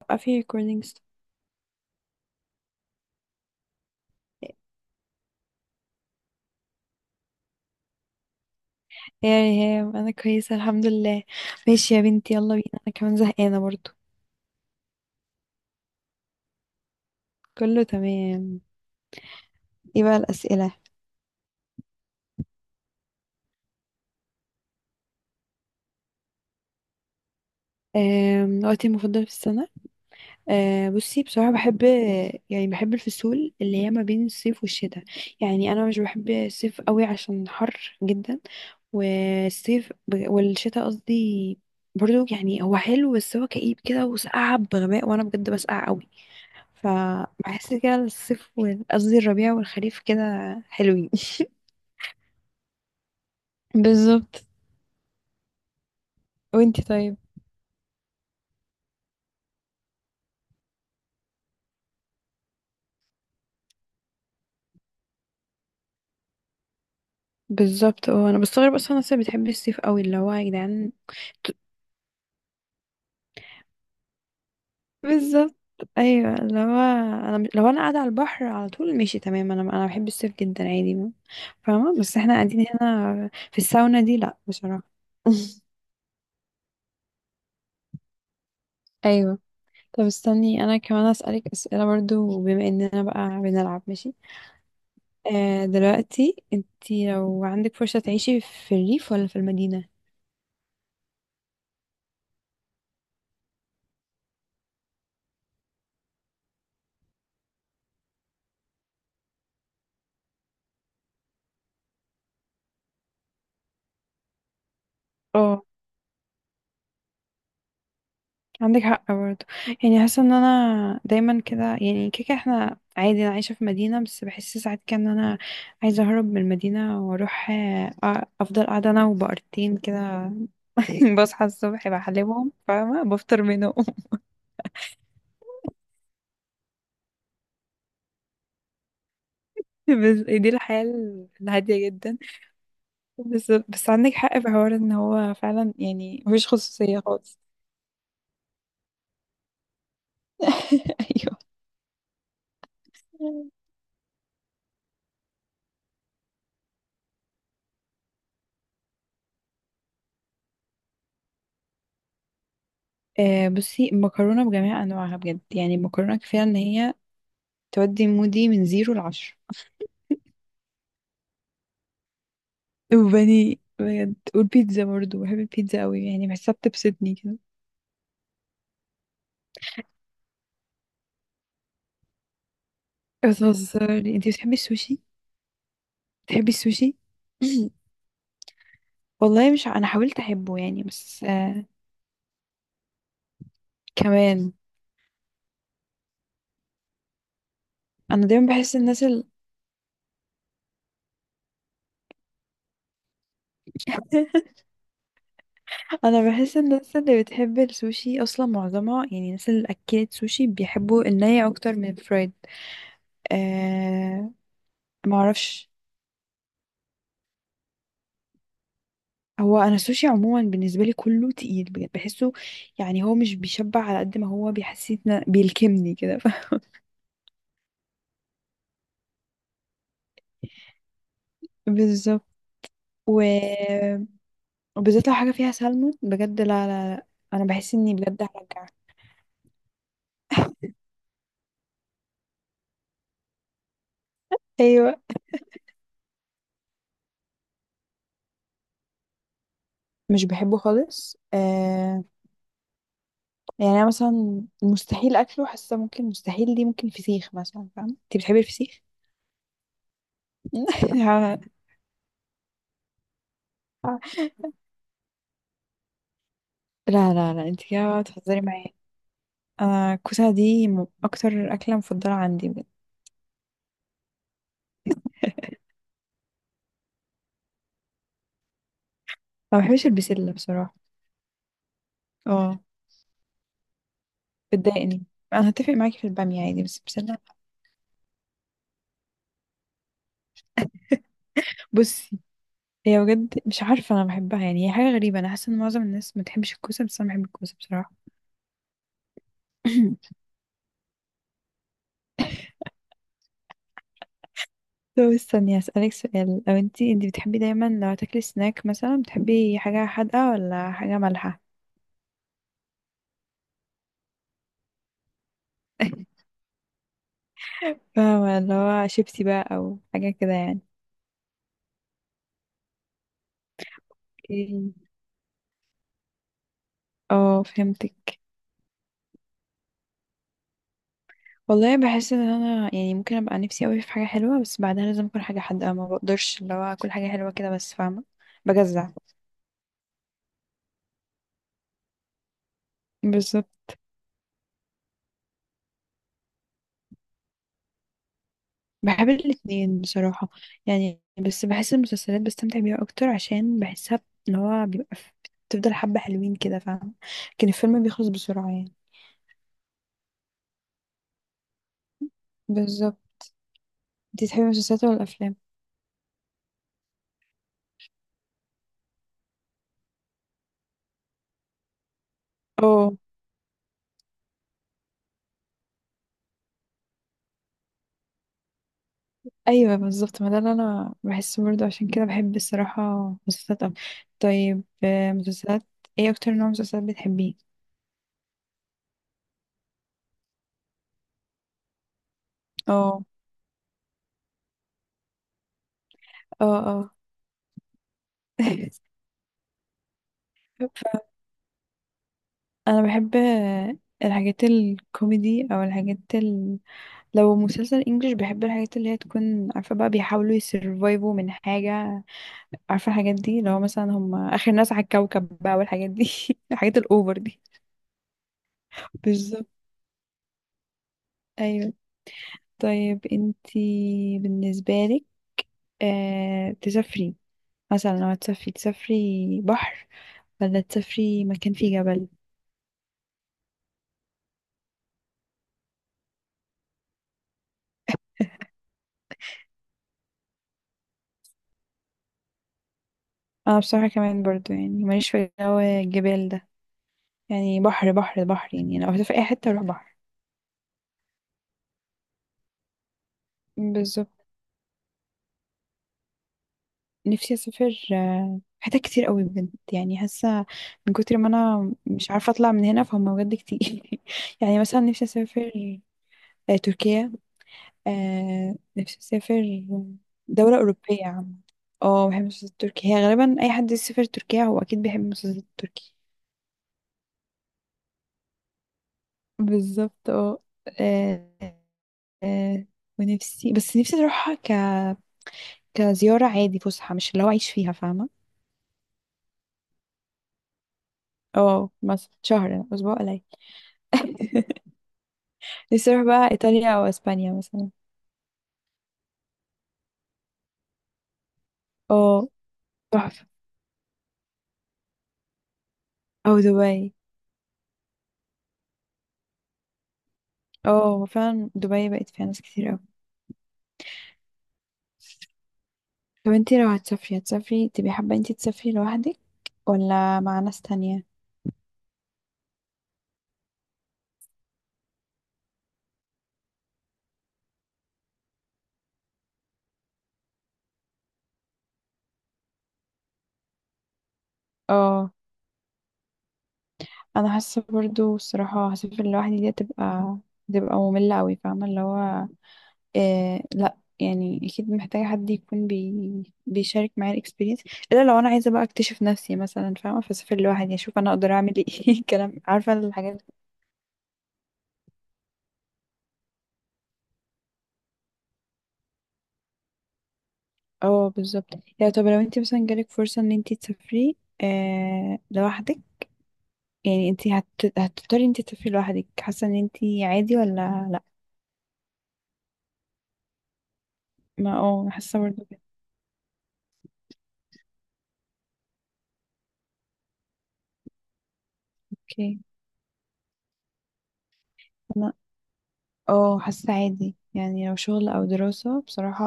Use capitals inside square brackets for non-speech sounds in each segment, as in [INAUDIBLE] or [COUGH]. بقى في ريكوردينجز. يا ريهام انا كويسه الحمد لله. ماشي يا بنتي، يلا بينا، انا كمان زهقانه برضو. كله تمام. ايه بقى الاسئله؟ وقتي المفضل في السنه. أه، بصي بصراحه بحب، يعني بحب الفصول اللي هي ما بين الصيف والشتاء. يعني انا مش بحب الصيف قوي عشان حر جدا. والشتاء قصدي، برضو يعني هو حلو بس هو كئيب كده وسقعة بغباء وانا بجد بسقع قوي. فبحس كده قصدي الربيع والخريف كده حلوين. [LAUGHS] بالظبط. وانتي طيب؟ بالظبط، اه انا بستغرب اصلا الناس اللي بتحب الصيف قوي، اللي هو يا جدعان. بالظبط، ايوه اللي هو، لو انا قاعده على البحر على طول ماشي تمام، انا بحب الصيف جدا عادي فاهمه، بس احنا قاعدين هنا في الساونا دي لا بصراحه. [LAUGHS] ايوه. طب استني انا كمان اسالك اسئله برضو، بما اننا بقى بنلعب، ماشي. آه، دلوقتي انتي لو عندك فرصة تعيشي في الريف ولا في المدينة؟ اه عندك حق برضه. يعني حاسه ان انا دايما كده، يعني كيكه، احنا عادي انا عايشه في مدينه بس بحس ساعات كده ان انا عايزه اهرب من المدينه واروح افضل قاعده انا وبقرتين كده [LAUGHS] بصحى الصبح بحلبهم فاهمه، بفطر منهم. [LAUGHS] بس دي الحياه الهاديه جدا. بس عندك حق في حوار ان هو فعلا يعني مفيش خصوصيه خالص. [LAUGHS] ايوه. آه بصي، المكرونة بجميع أنواعها بجد، يعني المكرونة كفاية إن هي تودي مودي من زيرو لعشرة. وبني بجد، والبيتزا برضه بحب البيتزا قوي، يعني بحسها بتبسطني كده. بتهزري؟ انتي بتحبي السوشي؟ بتحبي السوشي؟ [CLEARS THROAT] والله مش أنا حاولت أحبه يعني، بس. كمان أنا دايما بحس الناس. [LAUGHS] أنا بحس الناس اللي بتحب السوشي أصلا معظمها، يعني الناس اللي أكلت سوشي بيحبوا الني أكتر من الفرايد. آه معرفش. هو انا السوشي عموما بالنسبه لي كله تقيل بجد بحسه. يعني هو مش بيشبع على قد ما هو بيحسسني، بيلكمني كده. [LAUGHS] بالظبط. و... وبالذات لو حاجه فيها سلمون بجد، لا لا لا، انا بحس اني بجد هرجع. ايوه مش بحبه خالص. يعني انا مثلا مستحيل اكله، حاسه ممكن مستحيل دي ممكن فسيخ مثلا، فاهم؟ انت بتحبي الفسيخ؟ [LAUGHS] لا لا لا، انت كده بتهزري معايا. انا الكوسه دي, اكتر اكله مفضله عندي بجد. ما بحبش البسله بصراحه. اه بتضايقني، انا هتفق معاكي في البامية عادي، بس انا بصي، هي بجد مش عارفة انا بحبها، يعني هي حاجة غريبة، انا حاسة ان معظم الناس ما بتحبش الكوسة بس انا بحب الكوسة بصراحة. [LAUGHS] طب استني هسألك سؤال. لو انتي بتحبي دايما لو هتاكلي سناك مثلا، بتحبي حاجة حادقة ولا حاجة مالحة؟ [LAUGHS] فاهمة اللي هو شيبسي بقى او حاجة كده يعني. اوكي، اه فهمتك. والله بحس ان انا، يعني ممكن ابقى نفسي قوي في حاجة حلوة بس بعدها لازم اكل حاجة حادقة، ما بقدرش اللي هو اكل حاجة حلوة كده بس فاهمة، بجزع. بالظبط. بحب الاتنين بصراحة. يعني بس بحس المسلسلات بستمتع بيها أكتر، عشان بحسها اللي هو بيبقى, بتفضل حبة حلوين كده فاهمة، لكن الفيلم بيخلص بسرعة يعني. بالظبط. انتي تحبي المسلسلات ولا الأفلام؟ اه. أيوة بالظبط، ما ده اللي أنا بحسه برضه، عشان كده بحب الصراحة مسلسلات أكتر. طيب، مسلسلات. ايه أكتر نوع مسلسلات بتحبيه؟ اه اه اه. [LAUGHS] ف- انا بحب الحاجات الكوميدي او الحاجات، لو مسلسل انجليش بحب الحاجات اللي هي تكون عارفة بقى بيحاولوا يسرفايفوا من حاجة، عارفة الحاجات دي لو مثلا هم آخر ناس على الكوكب بقى والحاجات دي. [LAUGHS] الحاجات الأوفر دي. بالظبط أيوة. طيب انتي بالنسبة لك، آه، تسافري مثلا، لو هتسافري تسافري بحر ولا تسافري مكان فيه جبل؟ أنا بصراحة كمان برضو يعني ماليش في جو الجبال ده، يعني بحر بحر بحر. يعني لو هتسافري أي حتة أروح بحر. بالظبط. نفسي اسافر حتت كتير قوي بجد يعني حاسه، من كتر ما انا مش عارفه اطلع من هنا فهم بجد كتير. [LAUGHS] يعني مثلا نفسي اسافر تركيا، نفسي اسافر دوله اوروبيه عامه. اه بحب المسلسلات التركية، هي غالبا اي حد يسافر تركيا هو اكيد بيحب المسلسلات التركية. بالظبط. اه آه، آه، ونفسي، بس نفسي اروحها، ك كزياره عادي، فسحه، مش اللي هو اعيش فيها فاهمه. اه مثلا شهر، اسبوع قليل. [LAUGHS] نفسي اروح بقى ايطاليا او اسبانيا مثلا. اه تحفة. او دبي. اه فعلا دبي بقت فيها ناس كتير اوي. طب انتي لو هتسافري تبقي حابة انتي تسافري لوحدك ولا مع ناس تانية؟ اه، انا حاسة برضو الصراحة هسافر لوحدي دي تبقى مملة اوي فاهمة اللي هو، إيه لا، يعني اكيد محتاجة حد يكون بيشارك معايا الاكسبيرينس، الا لو انا عايزة بقى اكتشف نفسي مثلا فاهمة، فاسافر لوحدي اشوف انا اقدر اعمل ايه، [LAUGHS] الكلام، عارفة الحاجات. اه بالظبط. يعني طب لو انت مثلا جالك فرصة ان انت تسافري لوحدك، يعني انت هتختاري انت تسافري لوحدك؟ حاسة ان انت عادي ولا؟ لا. ما اه، حاسة برضه كده. اوكي. انا اه، حاسة عادي يعني، لو شغل او دراسة بصراحة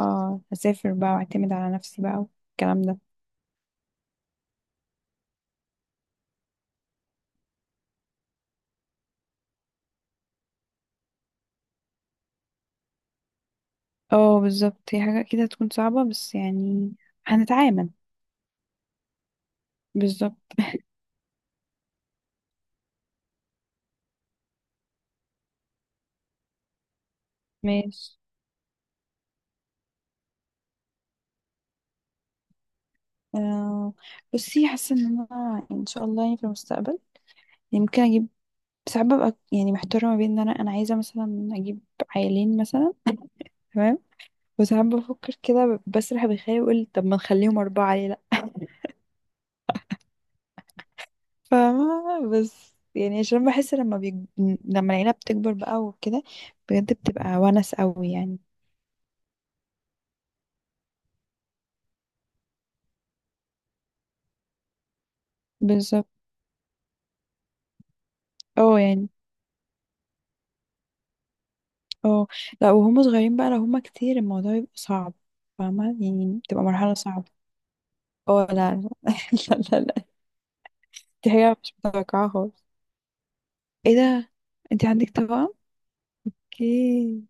هسافر بقى واعتمد على نفسي بقى والكلام ده. اه بالظبط، هي حاجة كده هتكون صعبة بس يعني هنتعامل. بالظبط. ماشي. آه بصي، حاسة ان انا، ان شاء الله يعني في المستقبل، يمكن اجيب. ساعات ببقى يعني محتارة ما بين ان انا عايزة مثلا اجيب عيالين مثلا. تمام. وساعات بفكر كده بسرح بخيالي واقول طب ما نخليهم اربعة ليه لا. فاهمة، بس يعني عشان بحس لما العيلة بتكبر بقى وكده بجد بتبقى ونس قوي يعني. بالظبط. اه يعني. اه لا، وهم صغيرين بقى لو هم كتير الموضوع بيبقى صعب فاهمة يعني، بتبقى مرحلة صعبة. اه لا لا [LAUGHS] لا لا لا، دي حاجة مش متوقعة خالص. ايه ده، انت عندك توأم؟ اوكي.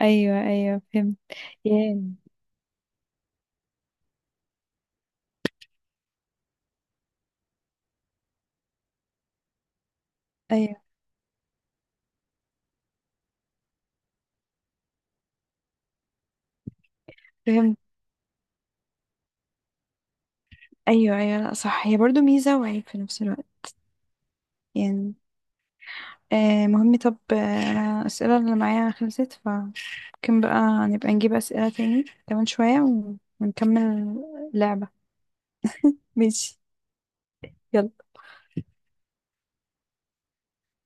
ايوه ايوه فهمت. يعني، ايوه فهمت. ايوه ايوه، لا صح، هي برضو ميزه وعيب في نفس الوقت يعني. آه مهم، طب انا الاسئله اللي معايا خلصت، فممكن بقى نبقى نجيب اسئله تاني كمان شويه ونكمل لعبه. ماشي يلا.